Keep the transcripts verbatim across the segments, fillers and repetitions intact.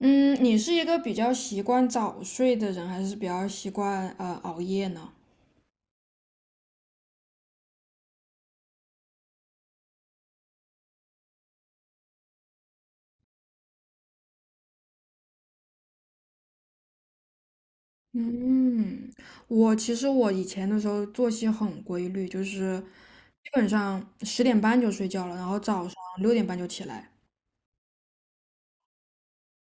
嗯，你是一个比较习惯早睡的人，还是比较习惯呃熬夜呢？嗯，我其实我以前的时候作息很规律，就是基本上十点半就睡觉了，然后早上六点半就起来。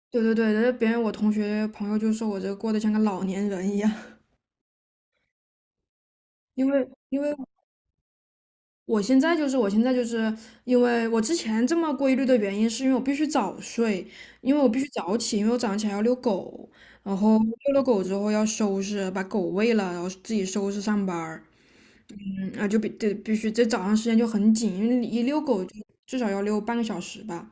对对对，别人我同学朋友就说我这过得像个老年人一样，因为因为我现在就是，我现在就是因为我之前这么规律的原因，是因为我必须早睡，因为我必须早起，因为我早上起来要遛狗，然后遛了狗之后要收拾，把狗喂了，然后自己收拾上班儿。嗯啊，就必得必须这早上时间就很紧，因为你一遛狗就至少要遛半个小时吧。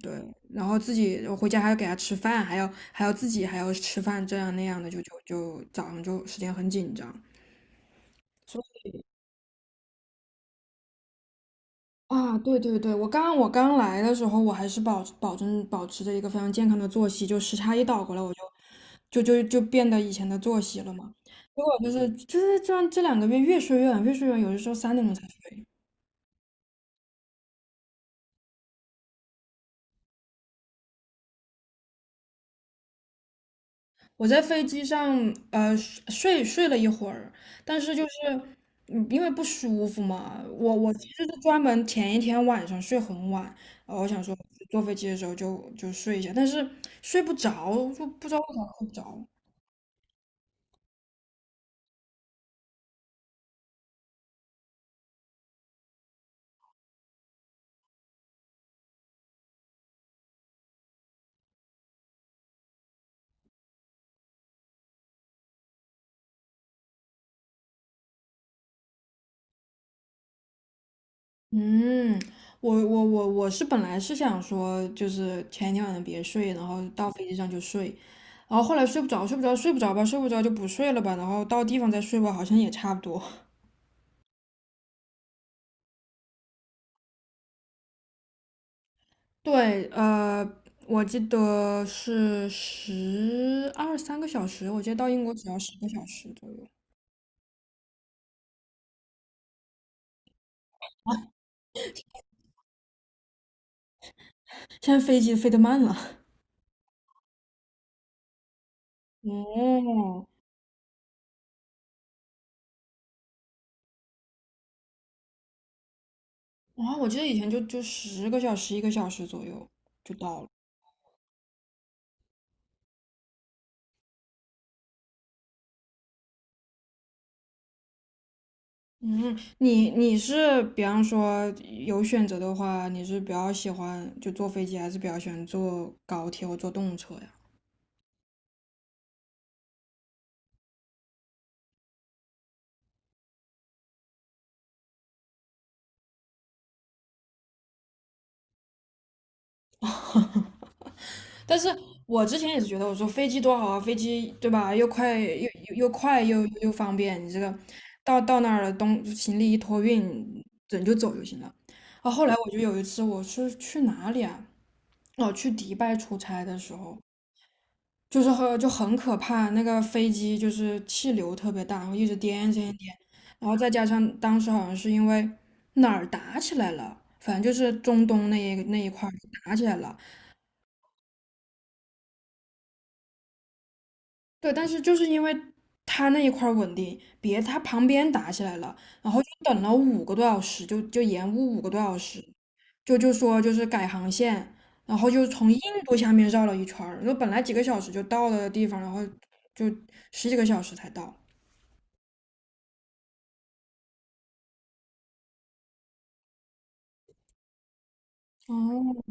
对，然后自己我回家还要给它吃饭，还要还要自己还要吃饭，这样那样的，就就就早上就时间很紧张。啊，对对对，我刚我刚来的时候，我还是保保证保持着一个非常健康的作息，就时差一倒过来，我就就就就变得以前的作息了嘛。结果就是就是这这两个月越睡越晚，越睡越晚，有的时候三点钟才睡。我在飞机上呃睡睡了一会儿，但是就是嗯因为不舒服嘛，我我其实是专门前一天晚上睡很晚，呃，我想说坐飞机的时候就就睡一下，但是睡不着，就不知道为啥睡不着。嗯，我我我我是本来是想说，就是前一天晚上别睡，然后到飞机上就睡，然后后来睡不着，睡不着，睡不着吧，睡不着就不睡了吧，然后到地方再睡吧，好像也差不多。对，呃，我记得是十二三个小时，我记得到英国只要十个小时左右。现在飞机飞得慢了。哦，然后我记得以前就就十个小时、一个小时左右就到了。嗯，你你是比方说有选择的话，你是比较喜欢就坐飞机，还是比较喜欢坐高铁或坐动车呀？但是我之前也是觉得，我说飞机多好啊，飞机对吧？又快又又又快又又方便，你这个到到那儿了，东行李一托运，人就走就行了。啊，后来我就有一次我是去哪里啊？哦，去迪拜出差的时候，就是很就很可怕，那个飞机就是气流特别大，然后一直颠颠颠，然后再加上当时好像是因为哪儿打起来了，反正就是中东那一那一块儿打起来了。对，但是就是因为它那一块儿稳定，别它旁边打起来了，然后就等了五个多小时，就就延误五个多小时，就就说就是改航线，然后就从印度下面绕了一圈儿，就本来几个小时就到了的地方，然后就十几个小时才到。哦，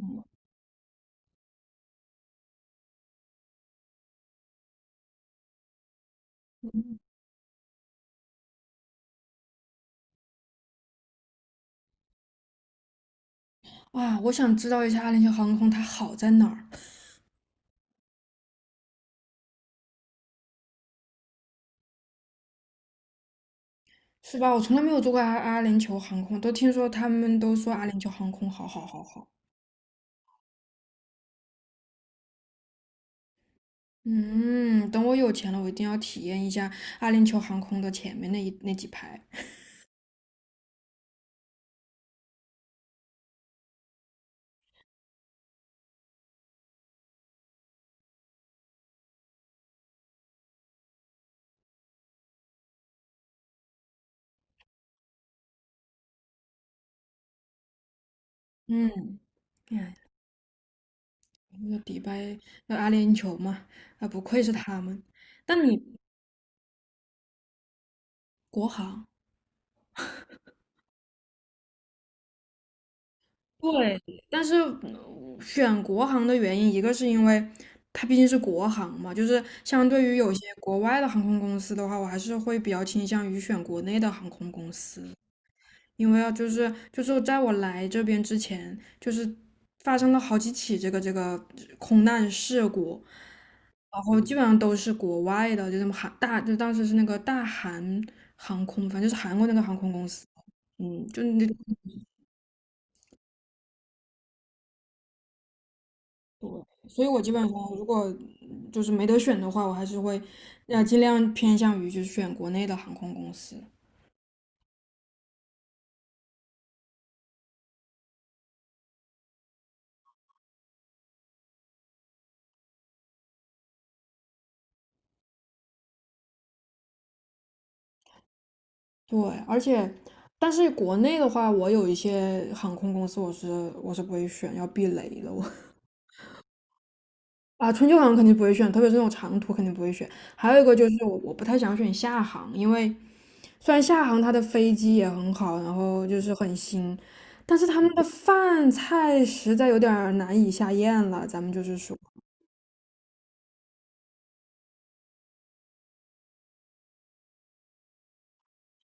哇，我想知道一下阿联酋航空它好在哪儿。是吧？我从来没有坐过阿阿联酋航空，都听说他们都说阿联酋航空好好好好。嗯，等我有钱了，我一定要体验一下阿联酋航空的前面那一那几排。嗯，哎，那个迪拜，那阿联酋嘛，啊，不愧是他们。那你国航。对，但是嗯选国航的原因，一个是因为它毕竟是国航嘛，就是相对于有些国外的航空公司的话，我还是会比较倾向于选国内的航空公司，因为啊，就是就是在我来这边之前，就是发生了好几起这个这个空难事故，然后基本上都是国外的，就什么韩大，就当时是那个大韩航空，反正就是韩国那个航空公司，嗯，就那。所以我基本上如果就是没得选的话，我还是会要尽量偏向于就是选国内的航空公司。对，而且但是国内的话，我有一些航空公司我是我是不会选，要避雷的我。啊，春秋航肯定不会选，特别是那种长途肯定不会选。还有一个就是我我不太想选厦航，因为虽然厦航它的飞机也很好，然后就是很新，但是他们的饭菜实在有点儿难以下咽了。咱们就是说。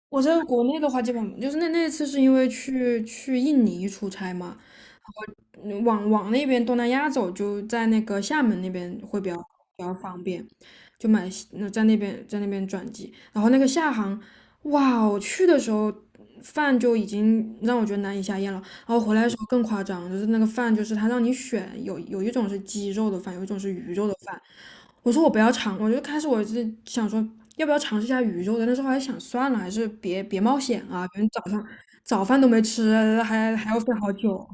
我在国内的话，基本就是那那次是因为去去印尼出差嘛，然后往往那边东南亚走，就在那个厦门那边会比较比较方便，就买那在那边在那边转机，然后那个厦航，哇哦，我去的时候饭就已经让我觉得难以下咽了，然后回来的时候更夸张，就是那个饭就是他让你选，有有一种是鸡肉的饭，有一种是鱼肉的饭。我说我不要尝，我就开始我是想说要不要尝试一下鱼肉的，但是后来想算了，还是别别冒险啊，反正早上早饭都没吃，还还要睡好久。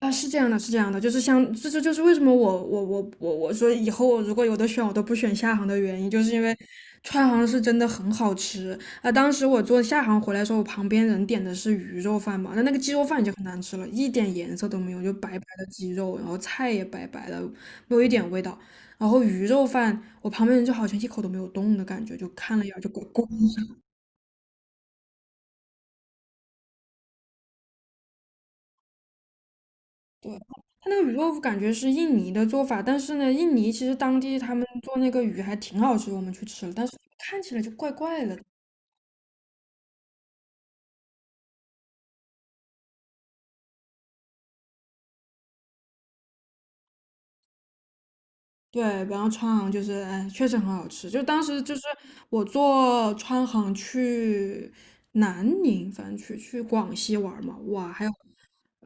啊，是这样的，是这样的，就是像这这就是为什么我我我我我说以后我如果有的选我都不选厦航的原因，就是因为川航是真的很好吃啊。当时我坐厦航回来的时候，我旁边人点的是鱼肉饭嘛，那那个鸡肉饭已经很难吃了，一点颜色都没有，就白白的鸡肉，然后菜也白白的，没有一点味道。然后鱼肉饭，我旁边人就好像一口都没有动的感觉，就看了一眼就滚滚。它那个鱼豆腐感觉是印尼的做法，但是呢，印尼其实当地他们做那个鱼还挺好吃，我们去吃了，但是看起来就怪怪的。对，然后川航就是，哎，确实很好吃。就当时就是我坐川航去南宁，反正去去广西玩儿嘛，哇，还有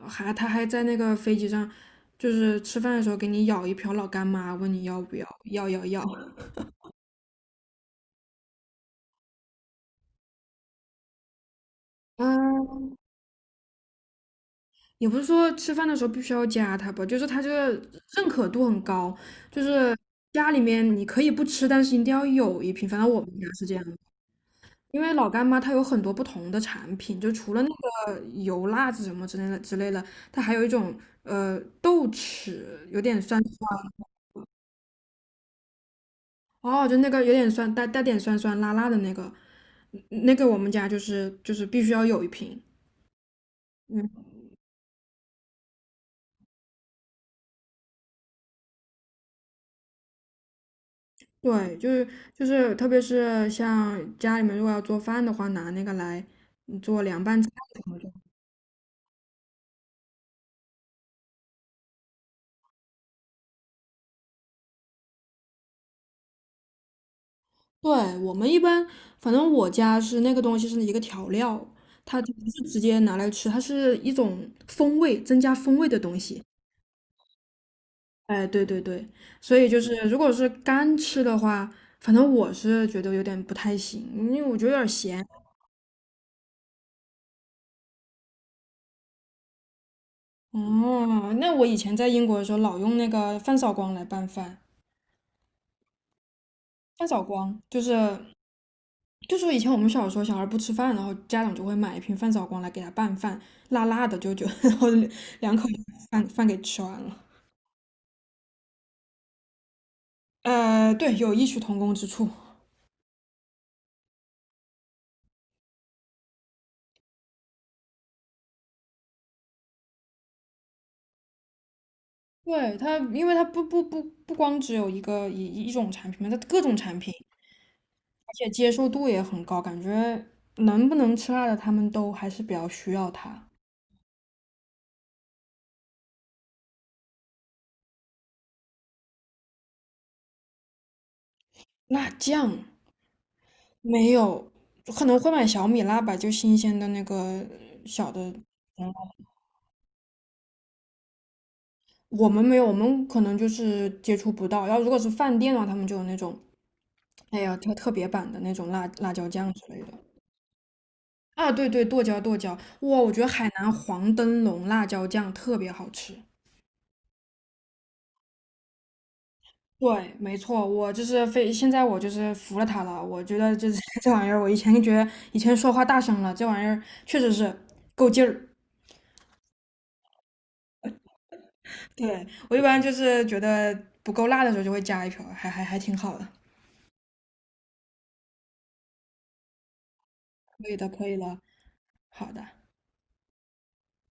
还他还在那个飞机上，就是吃饭的时候给你舀一瓢老干妈，问你要不要，要要要。啊，也不是说吃饭的时候必须要加它吧，就是它这个认可度很高，就是家里面你可以不吃，但是一定要有一瓶。反正我们家是这样的。因为老干妈它有很多不同的产品，就除了那个油辣子什么之类的之类的，它还有一种呃豆豉，有点酸酸。哦，就那个有点酸，带带点酸酸辣辣的那个，嗯那个我们家就是就是必须要有一瓶。对，就是就是，特别是像家里面如果要做饭的话，拿那个来嗯做凉拌菜什么的。对，我们一般，反正我家是那个东西是一个调料，它就不是直接拿来吃，它是一种风味，增加风味的东西。哎，对对对，所以就是如果是干吃的话，反正我是觉得有点不太行，因为我觉得有点咸。哦，那我以前在英国的时候老用那个饭扫光来拌饭。饭扫光就是就说以前我们小时候小孩不吃饭，然后家长就会买一瓶饭扫光来给他拌饭，辣辣的，就就 然后两口饭饭给吃完了。呃，对，有异曲同工之处。对它，因为它不不不不光只有一个一一种产品嘛，它各种产品，而且接受度也很高，感觉能不能吃辣的他们都还是比较需要它。辣酱没有，可能会买小米辣吧，就新鲜的那个小的。嗯我们没有，我们可能就是接触不到。然后如果是饭店的话，他们就有那种，哎呀，特特别版的那种辣辣椒酱之类的。啊，对对，剁椒剁椒，哇，我觉得海南黄灯笼辣椒酱特别好吃。对，没错，我就是非现在我就是服了它了。我觉得就是 这玩意儿，我以前觉得以前说话大声了，这玩意儿确实是够劲儿。对，我一般就是觉得不够辣的时候就会加一瓢，还还还挺好的。可以的，可以的，好的。